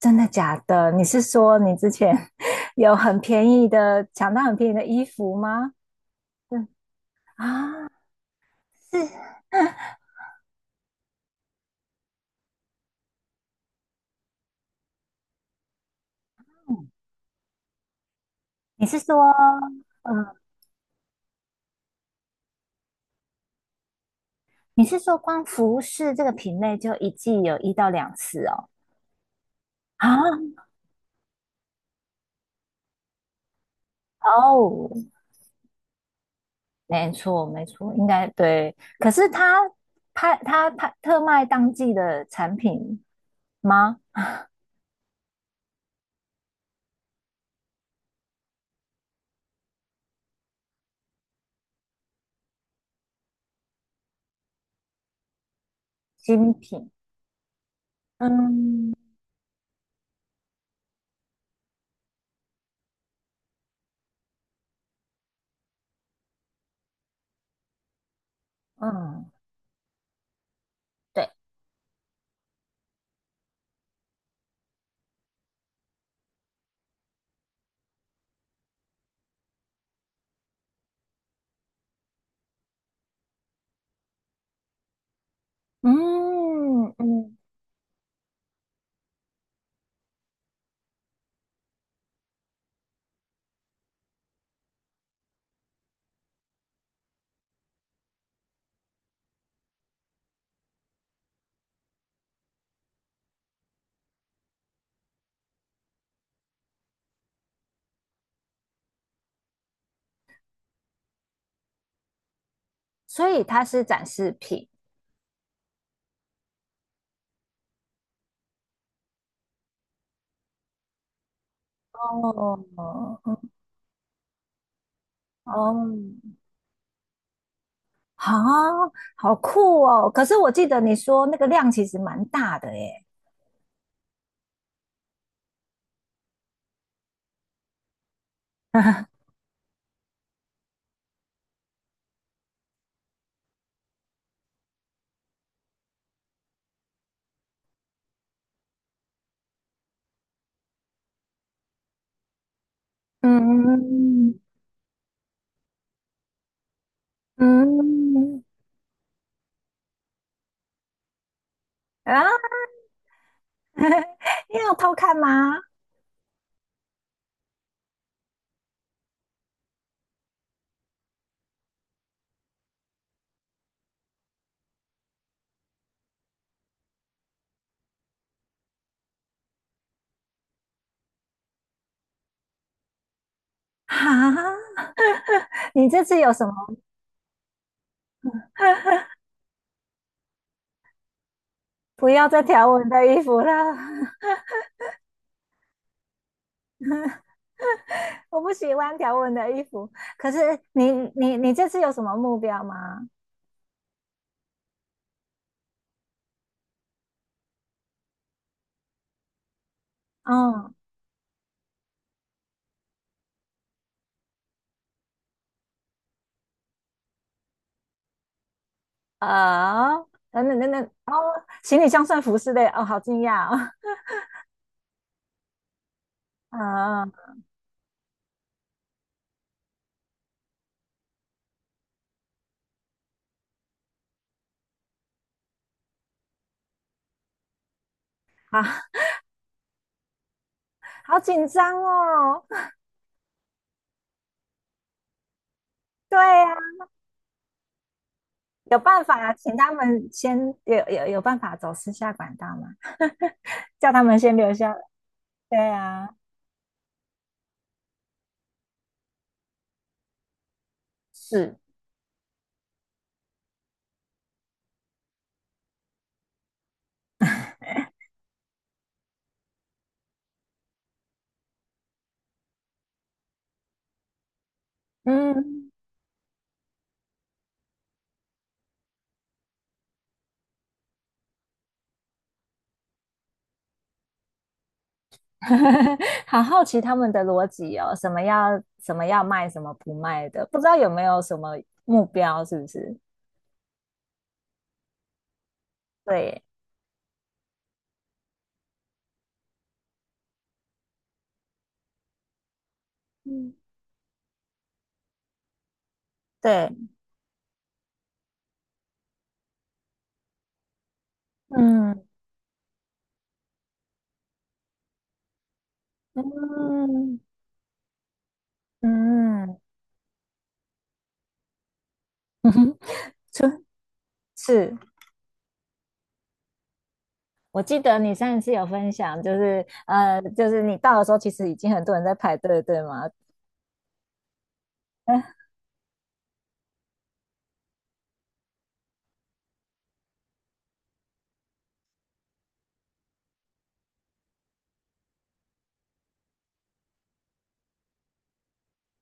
真的假的？你是说你之前 有很便宜的，抢到很便宜的衣服吗？嗯，啊，是，你是说，嗯，你是说光服饰这个品类就一季有一到两次哦？啊，哦，没错，没错，应该对。可是他拍特卖当季的产品吗？新品？嗯嗯，对，嗯嗯，所以它是展示品。哦，哦哦，啊，好酷哦！可是我记得你说那个量其实蛮大的耶。嗯嗯，啊，你有偷看吗？啊，你这次有什么？不要再条纹的衣服了。我不喜欢条纹的衣服。可是你这次有什么目标吗？嗯，啊，等等等等，哦，行李箱算服饰类，哦，好惊讶哦。啊，啊，好紧张哦。对呀、啊，有办法请他们先有办法走私下管道吗？叫他们先留下来。对呀、是，嗯。好好奇他们的逻辑哦，什么要什么要卖，什么不卖的，不知道有没有什么目标，是不是？对，嗯，对，嗯嗯嗯。嗯。 春，是，我记得你上一次有分享，就是就是你到的时候，其实已经很多人在排队，对吗？嗯，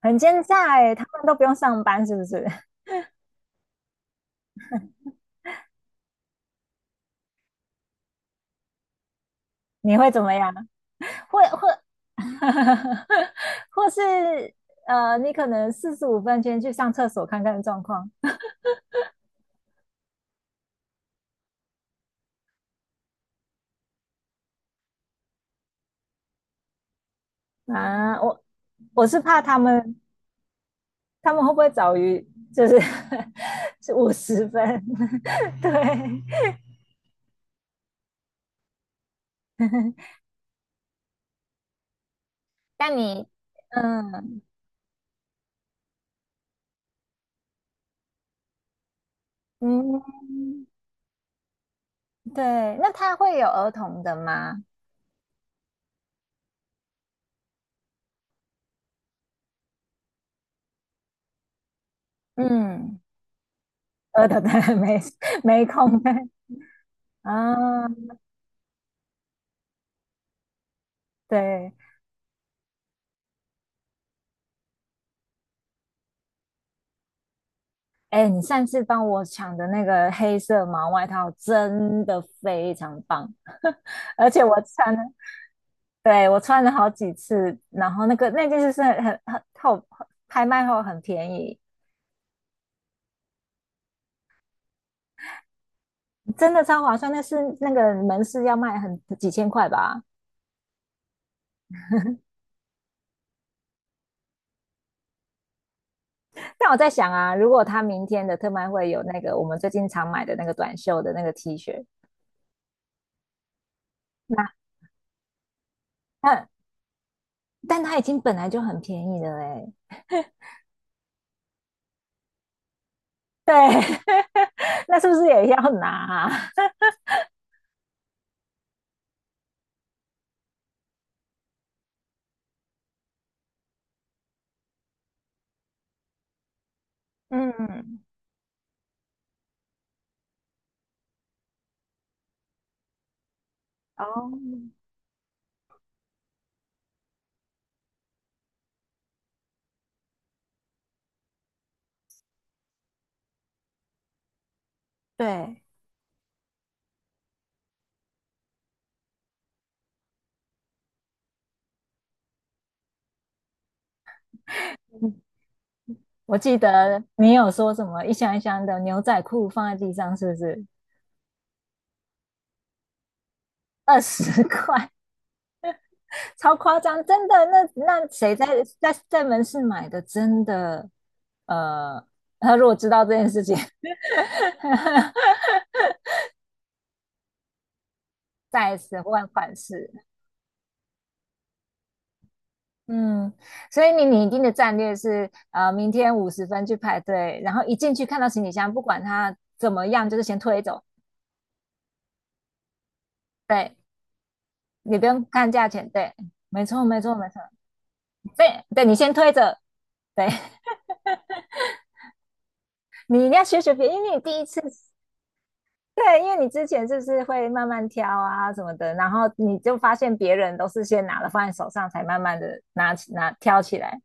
很奸诈哎，他们都不用上班，是不是？你会怎么样？会会。或是你可能45分先去上厕所看看状况。啊，我，我是怕他们，他们会不会早于就是 是50分？对，但你，嗯嗯。对，那他会有儿童的吗？嗯，儿童的 没，没空的。 啊，对。哎，你上次帮我抢的那个黑色毛外套真的非常棒。而且我穿了，对，我穿了好几次，然后那件就是很后，拍卖后很便宜。真的超划算。那是那个门市要卖很几千块吧？但我在想啊，如果他明天的特卖会有那个我们最近常买的那个短袖的那个 T 恤，那，但，但它已经本来就很便宜了嘞。对。那是不是也要拿啊。 嗯，哦，对，我记得你有说什么一箱一箱的牛仔裤放在地上，是不是？20 块，超夸张，真的。那那谁在在门市买的？真的，呃，他如果知道这件事情。再一次问反噬。嗯，所以你拟定的战略是，明天五十分去排队，然后一进去看到行李箱，不管它怎么样，就是先推走。对，你不用看价钱。对，没错，没错，没错。对，对，你先推着。对。你一定要学学别人，因为你第一次，对，因为你之前就是会慢慢挑啊什么的，然后你就发现别人都是先拿了放在手上，才慢慢的拿挑起来。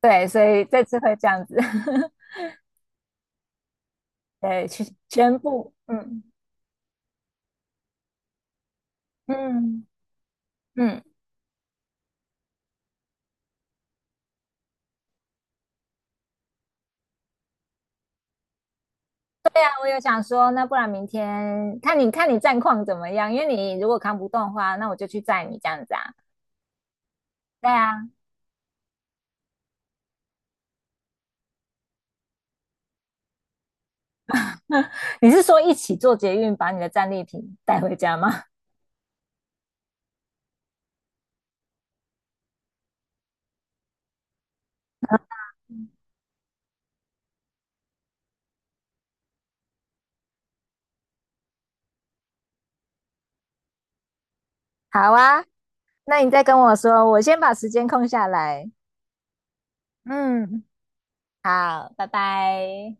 对，所以这次会这样子。对，全部，嗯嗯。嗯，我有想说，那不然明天看你战况怎么样？因为你如果扛不动的话，那我就去载你这样子啊。对啊。 你是说一起坐捷运把你的战利品带回家吗？好啊，那你再跟我说，我先把时间空下来。嗯，好，拜拜。